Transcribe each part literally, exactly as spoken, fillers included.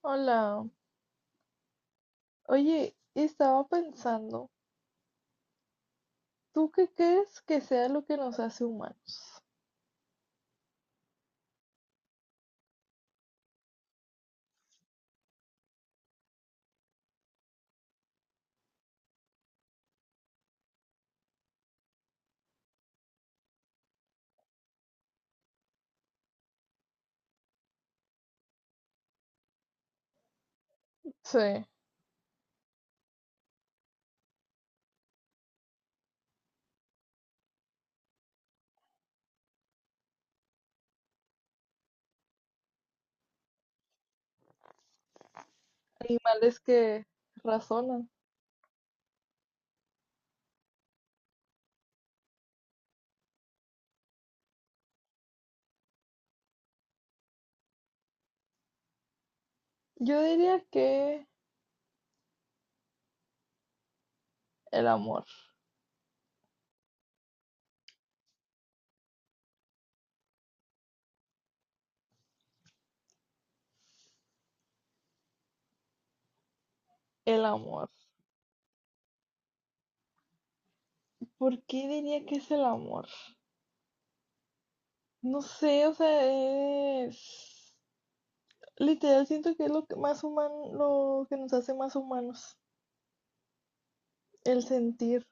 Hola, oye, estaba pensando, ¿tú qué crees que sea lo que nos hace humanos? Sí, animales que razonan. Yo diría que el amor, el amor. ¿Por qué diría que es el amor? No sé, o sea, es... Literal siento que es lo que más humano, lo que nos hace más humanos, el sentir.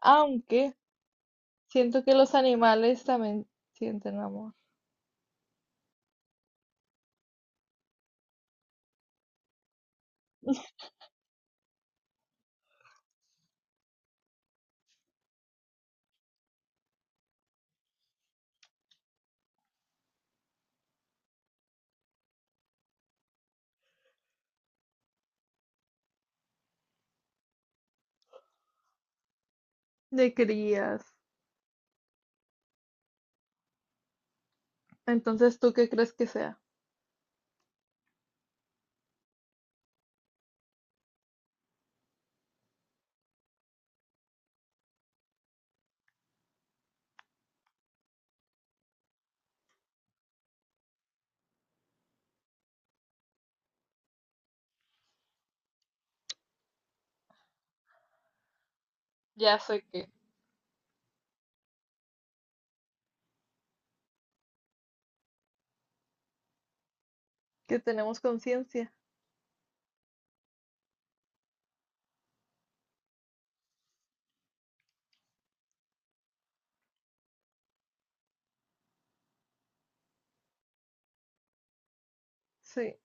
Aunque siento que los animales también sienten amor. De crías. Entonces, ¿tú qué crees que sea? Ya sé que. Que tenemos conciencia. Sí,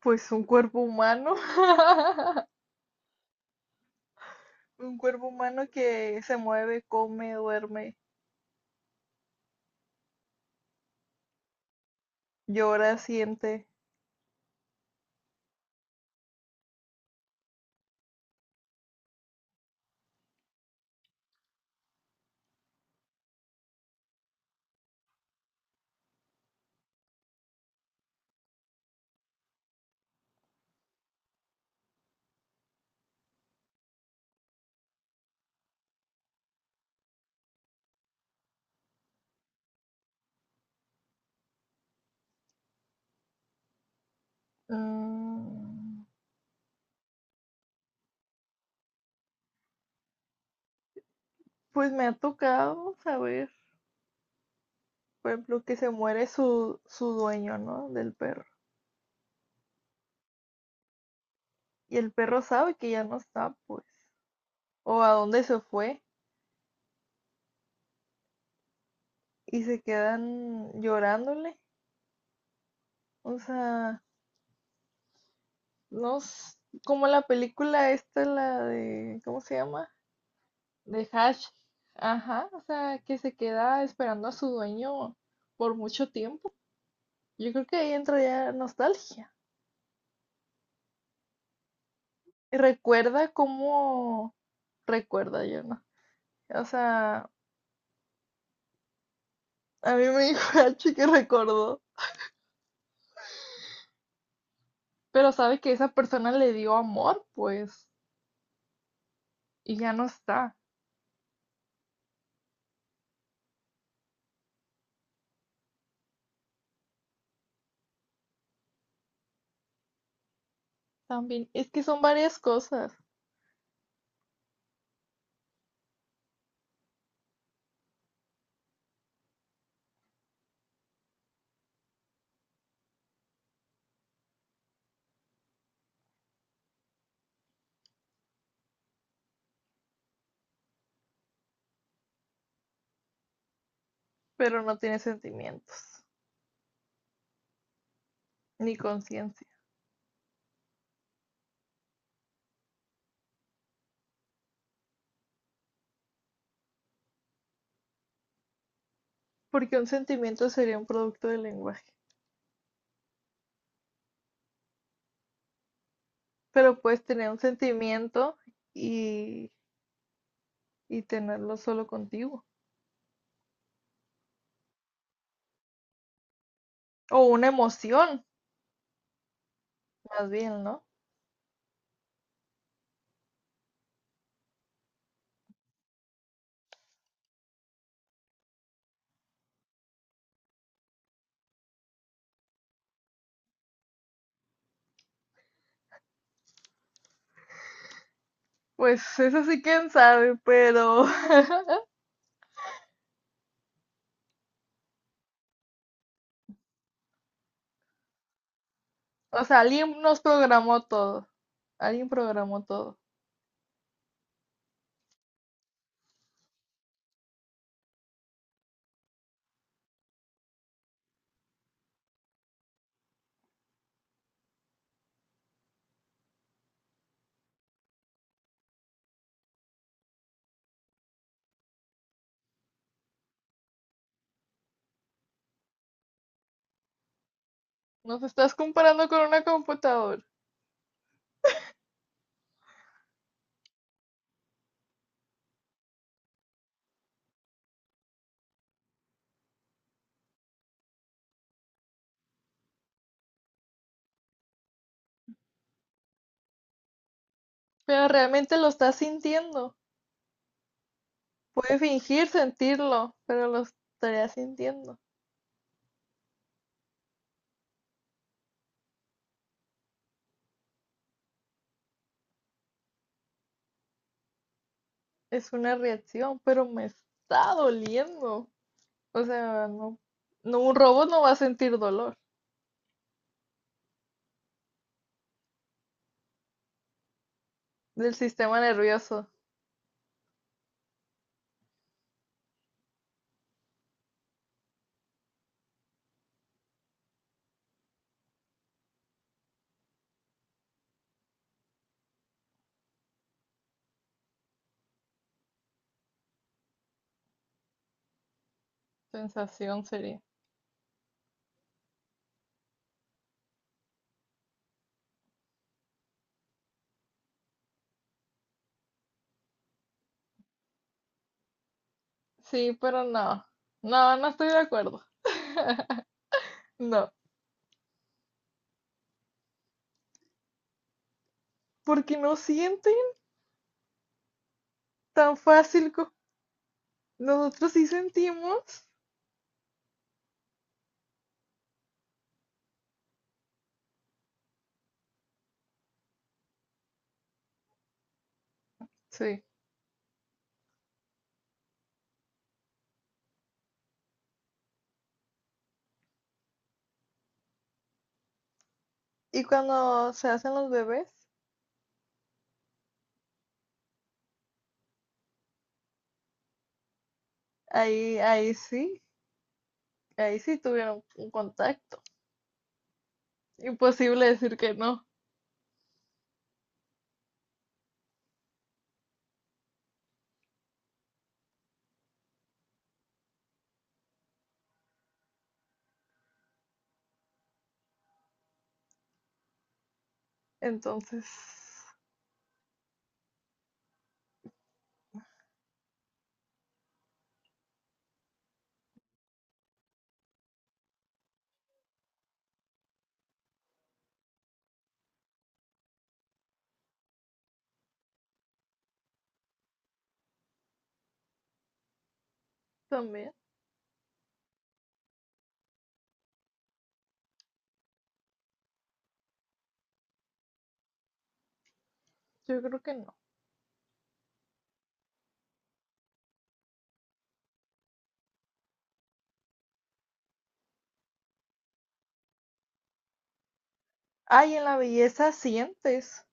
pues un cuerpo humano, un cuerpo humano que se mueve, come, duerme, llora, siente. Mm, pues me ha tocado saber, por ejemplo, que se muere su, su dueño, ¿no? Del perro. Y el perro sabe que ya no está, pues, o a dónde se fue y se quedan llorándole. O sea, no, s- como la película esta, la de, ¿cómo se llama? De Hash, ajá, o sea, que se queda esperando a su dueño por mucho tiempo. Yo creo que ahí entra ya nostalgia. Y recuerda cómo recuerda yo, ¿no? O sea, a mí me dijo Hachi que recordó, pero sabe que esa persona le dio amor, pues, y ya no está. También, es que son varias cosas, pero no tiene sentimientos ni conciencia, porque un sentimiento sería un producto del lenguaje, pero puedes tener un sentimiento y y tenerlo solo contigo. O una emoción, más bien, ¿no? Pues eso sí quién sabe, pero... O sea, alguien nos programó todo. Alguien programó todo. Nos estás comparando con una computadora, pero realmente lo estás sintiendo. Puede fingir sentirlo, pero lo estaría sintiendo. Es una reacción, pero me está doliendo. O sea, no, no, un robot no va a sentir dolor del sistema nervioso. Sensación sería. Sí, pero no. No, no estoy de acuerdo. No. Porque no sienten tan fácil como nosotros sí sentimos. Sí. Y cuando se hacen los bebés, ahí, ahí sí, ahí sí tuvieron un contacto. Imposible decir que no. Entonces, también, yo creo que no. Ay, en la belleza sientes.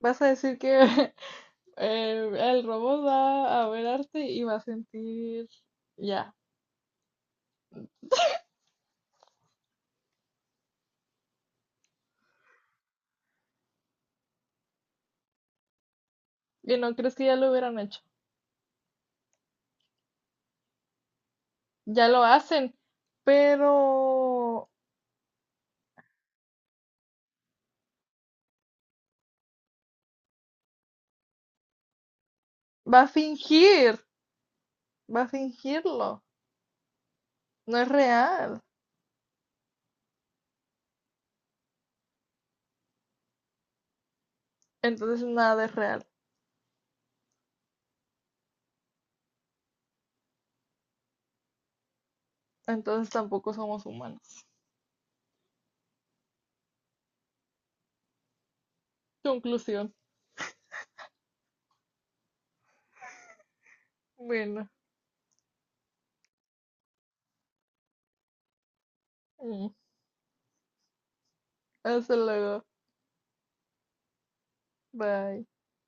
Vas a decir que eh, el robot va a ver arte y va a sentir ya. Y no crees que ya lo hubieran hecho. Ya lo hacen, pero va a fingir, va a fingirlo, no es real, entonces nada es real, entonces tampoco somos humanos. Conclusión. Bueno, mm, hasta luego, bye.